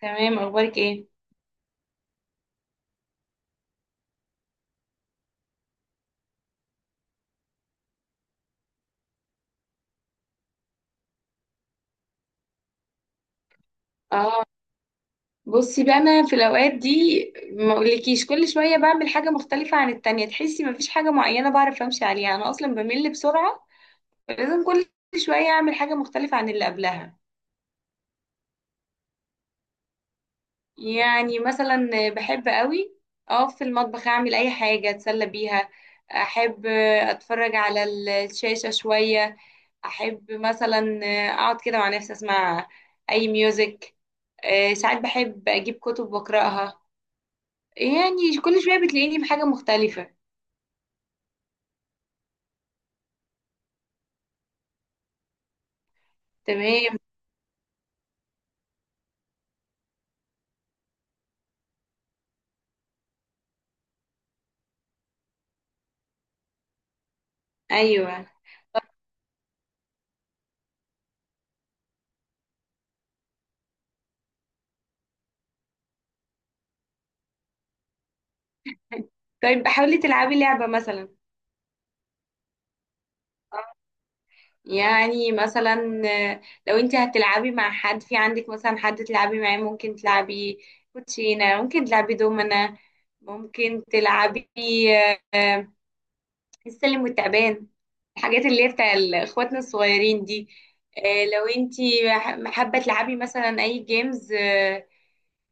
تمام، اخبارك ايه؟ اه. بصي بقى، انا في الاوقات دي ما اقولكيش، كل شويه بعمل حاجه مختلفه عن التانية. تحسي مفيش حاجه معينه بعرف امشي عليها، انا اصلا بمل بسرعه، فلازم كل شويه اعمل حاجه مختلفه عن اللي قبلها. يعني مثلا بحب قوي اقف في المطبخ اعمل اي حاجه اتسلى بيها، احب اتفرج على الشاشه شويه، احب مثلا اقعد كده مع نفسي اسمع اي ميوزك. ساعات بحب اجيب كتب واقراها، يعني كل شوية بتلاقيني بحاجة مختلفة. تمام. أيوة. طيب حاولي تلعبي لعبة مثلا. يعني مثلا، آه، لو انت هتلعبي مع حد، في عندك مثلا حد تلعبي معاه؟ ممكن تلعبي كوتشينة، ممكن تلعبي دومنا، ممكن تلعبي آه، آه، السلم والتعبان، الحاجات اللي هي بتاع اخواتنا الصغيرين دي. لو انت حابة تلعبي مثلا اي جيمز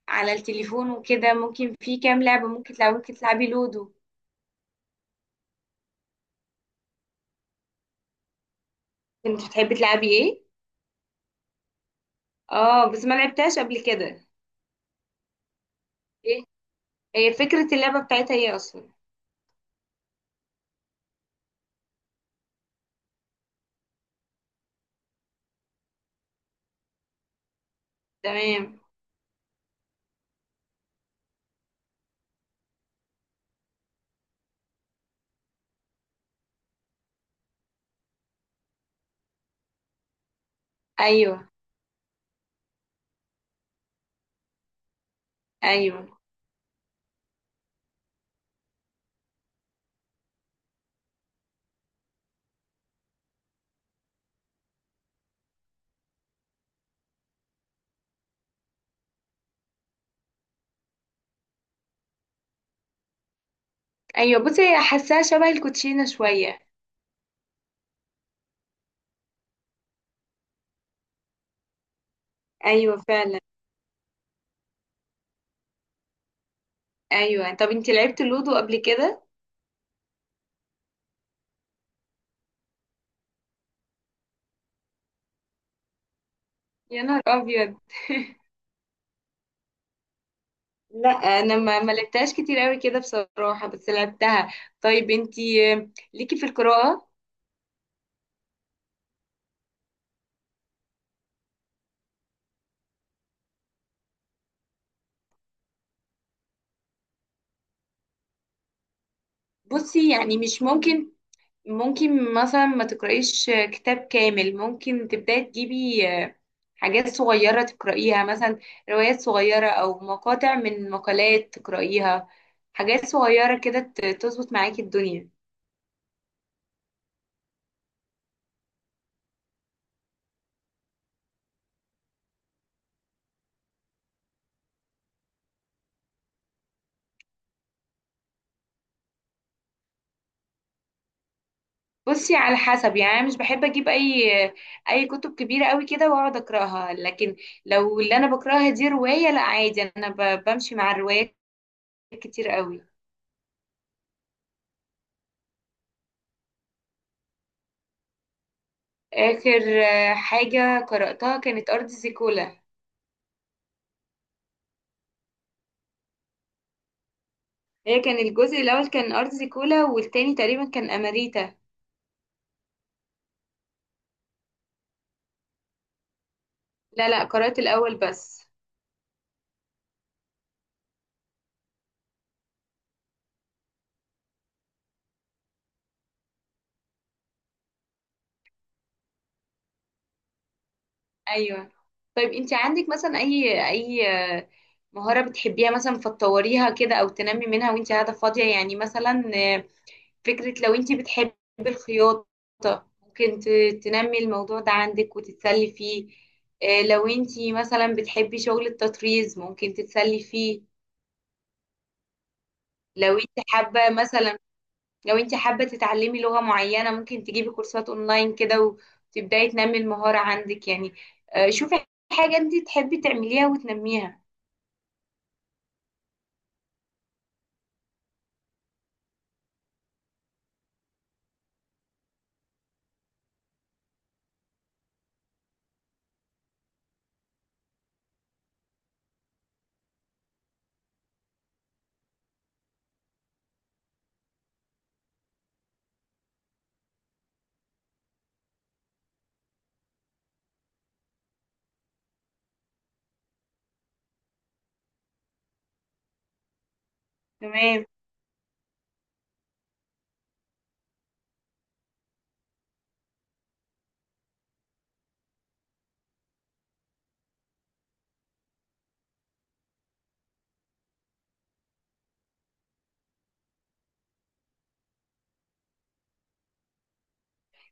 على التليفون وكده، ممكن في كام لعبة ممكن تلعبي، ممكن تلعبي لودو. كنت بتحبي تلعبي ايه؟ اه بس ما لعبتهاش قبل كده. ايه هي فكرة اللعبة بتاعتها ايه اصلا؟ تمام. ايوه. ايوه. ايوه بصي هي حاساها شبه الكوتشينة شوية. ايوه فعلا. ايوه، طب انتي لعبتي لودو قبل كده؟ يا نهار ابيض! لا انا ما لعبتهاش كتير قوي كده بصراحة، بس لعبتها. طيب انتي، ليكي في القراءة؟ بصي يعني، مش ممكن ممكن مثلا ما تقرأيش كتاب كامل، ممكن تبداي تجيبي حاجات صغيرة تقرأيها مثلا، روايات صغيرة أو مقاطع من مقالات تقرأيها، حاجات صغيرة كده تظبط معاكي الدنيا. بصي على حسب، يعني أنا مش بحب أجيب أي كتب كبيرة قوي كده وأقعد أقرأها، لكن لو اللي أنا بقرأها دي رواية، لا عادي، أنا بمشي مع الروايات كتير قوي. آخر حاجة قرأتها كانت أرض زيكولا. هي كان الجزء الاول كان ارض كولا، والتاني تقريبا كان اماريتا. لا قرأت الاول بس. ايوه. طيب انت عندك مثلا اي مهارة بتحبيها مثلا فتطوريها كده او تنمي منها وانت قاعدة فاضية؟ يعني مثلا، فكرة، لو انت بتحبي الخياطة ممكن تنمي الموضوع ده عندك وتتسلي فيه. لو انت مثلا بتحبي شغل التطريز ممكن تتسلي فيه. لو انت حابة مثلا لو انت حابة تتعلمي لغة معينة، ممكن تجيبي كورسات اونلاين كده وتبدأي تنمي المهارة عندك. يعني شوفي حاجة انت تحبي تعمليها وتنميها. تمام.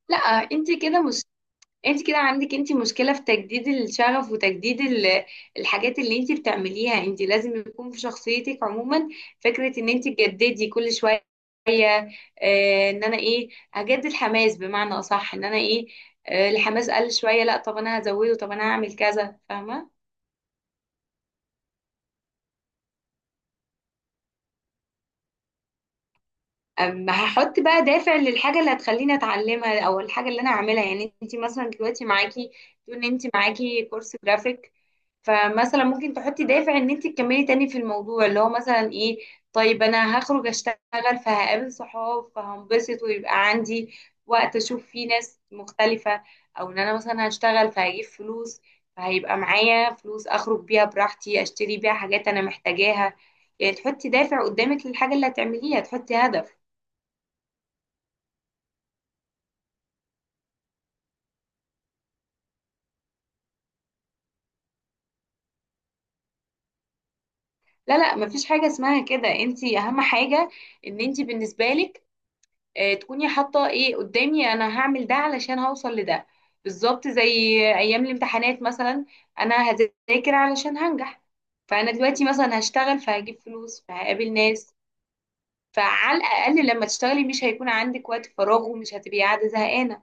لا انت كده مش انت كده عندك، انت مشكلة في تجديد الشغف وتجديد الحاجات اللي انت بتعمليها. انت لازم يكون في شخصيتك عموما فكرة ان انت تجددي كل شوية. اه ان انا ايه، هجدد حماس، بمعنى اصح ان انا ايه، الحماس قل شوية، لا طب انا هزوده، طب انا هعمل كذا، فاهمة؟ أما هحط بقى دافع للحاجة اللي هتخليني اتعلمها او الحاجة اللي انا اعملها. يعني انت مثلا دلوقتي معاكي، تقول ان انت معاكي كورس جرافيك، فمثلا ممكن تحطي دافع ان انت تكملي تاني في الموضوع، اللي هو مثلا ايه؟ طيب انا هخرج اشتغل فهقابل صحاب فهنبسط ويبقى عندي وقت اشوف فيه ناس مختلفة، او ان انا مثلا هشتغل فهجيب فلوس فهيبقى معايا فلوس اخرج بيها براحتي اشتري بيها حاجات انا محتاجاها. يعني تحطي دافع قدامك للحاجة اللي هتعمليها، تحطي هدف. لا مفيش حاجة اسمها كده، انت اهم حاجة ان انت بالنسبة لك تكوني حاطة ايه قدامي، انا هعمل ده علشان هوصل لده. بالظبط زي ايام الامتحانات مثلا، انا هذاكر علشان هنجح. فانا دلوقتي مثلا هشتغل فهجيب فلوس فهقابل ناس. فعلى الاقل لما تشتغلي مش هيكون عندك وقت فراغ ومش هتبقي قاعدة زهقانة.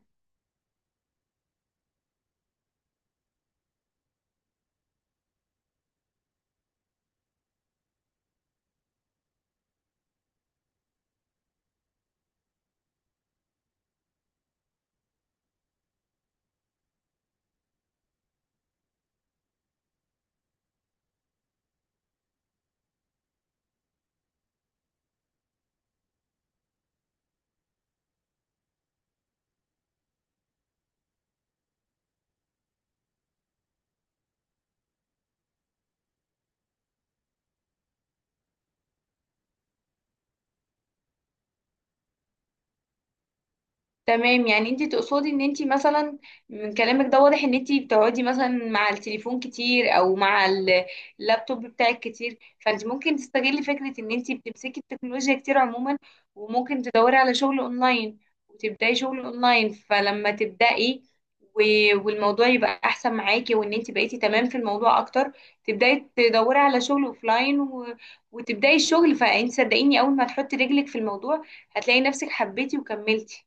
تمام. يعني انت تقصدي ان انت مثلا، من كلامك ده واضح ان انت بتقعدي مثلا مع التليفون كتير او مع اللابتوب بتاعك كتير، فانت ممكن تستغلي فكرة ان انت بتمسكي التكنولوجيا كتير عموما، وممكن تدوري على شغل اونلاين وتبداي شغل اونلاين. فلما تبداي والموضوع يبقى احسن معاكي وان انت بقيتي تمام في الموضوع اكتر، تبداي تدوري على شغل اوفلاين و... وتبداي الشغل. فانت صدقيني، اول ما تحطي رجلك في الموضوع هتلاقي نفسك حبيتي وكملتي.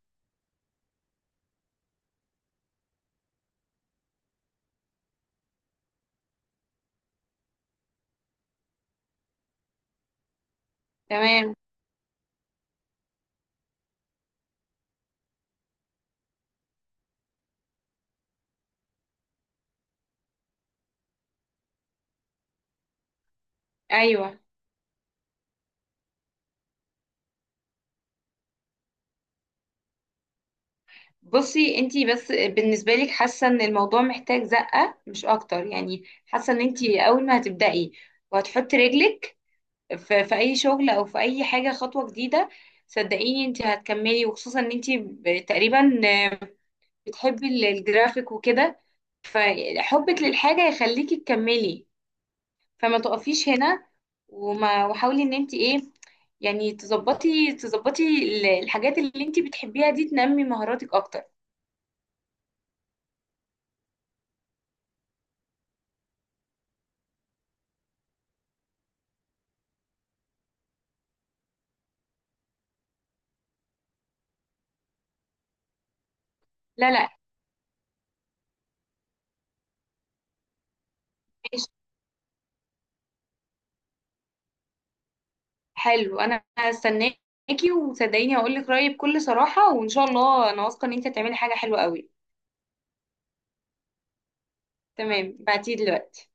تمام. ايوه. بصي انتي بس، بالنسبه لك حاسه ان الموضوع محتاج زقه مش اكتر، يعني حاسه ان انتي اول ما هتبداي وهتحطي رجلك في اي شغل او في اي حاجه خطوه جديده، صدقيني انتي هتكملي. وخصوصا ان انتي تقريبا بتحبي الجرافيك وكده، فحبك للحاجه يخليكي تكملي. فما تقفيش هنا، وحاولي ان انتي ايه، يعني تظبطي الحاجات اللي انتي بتحبيها دي تنمي مهاراتك اكتر. لا. ماشي. حلو، انا هستناكي، وصدقيني هقول لك رايي بكل صراحه، وان شاء الله انا واثقه ان انت هتعملي حاجه حلوه قوي. تمام، بعتيه دلوقتي؟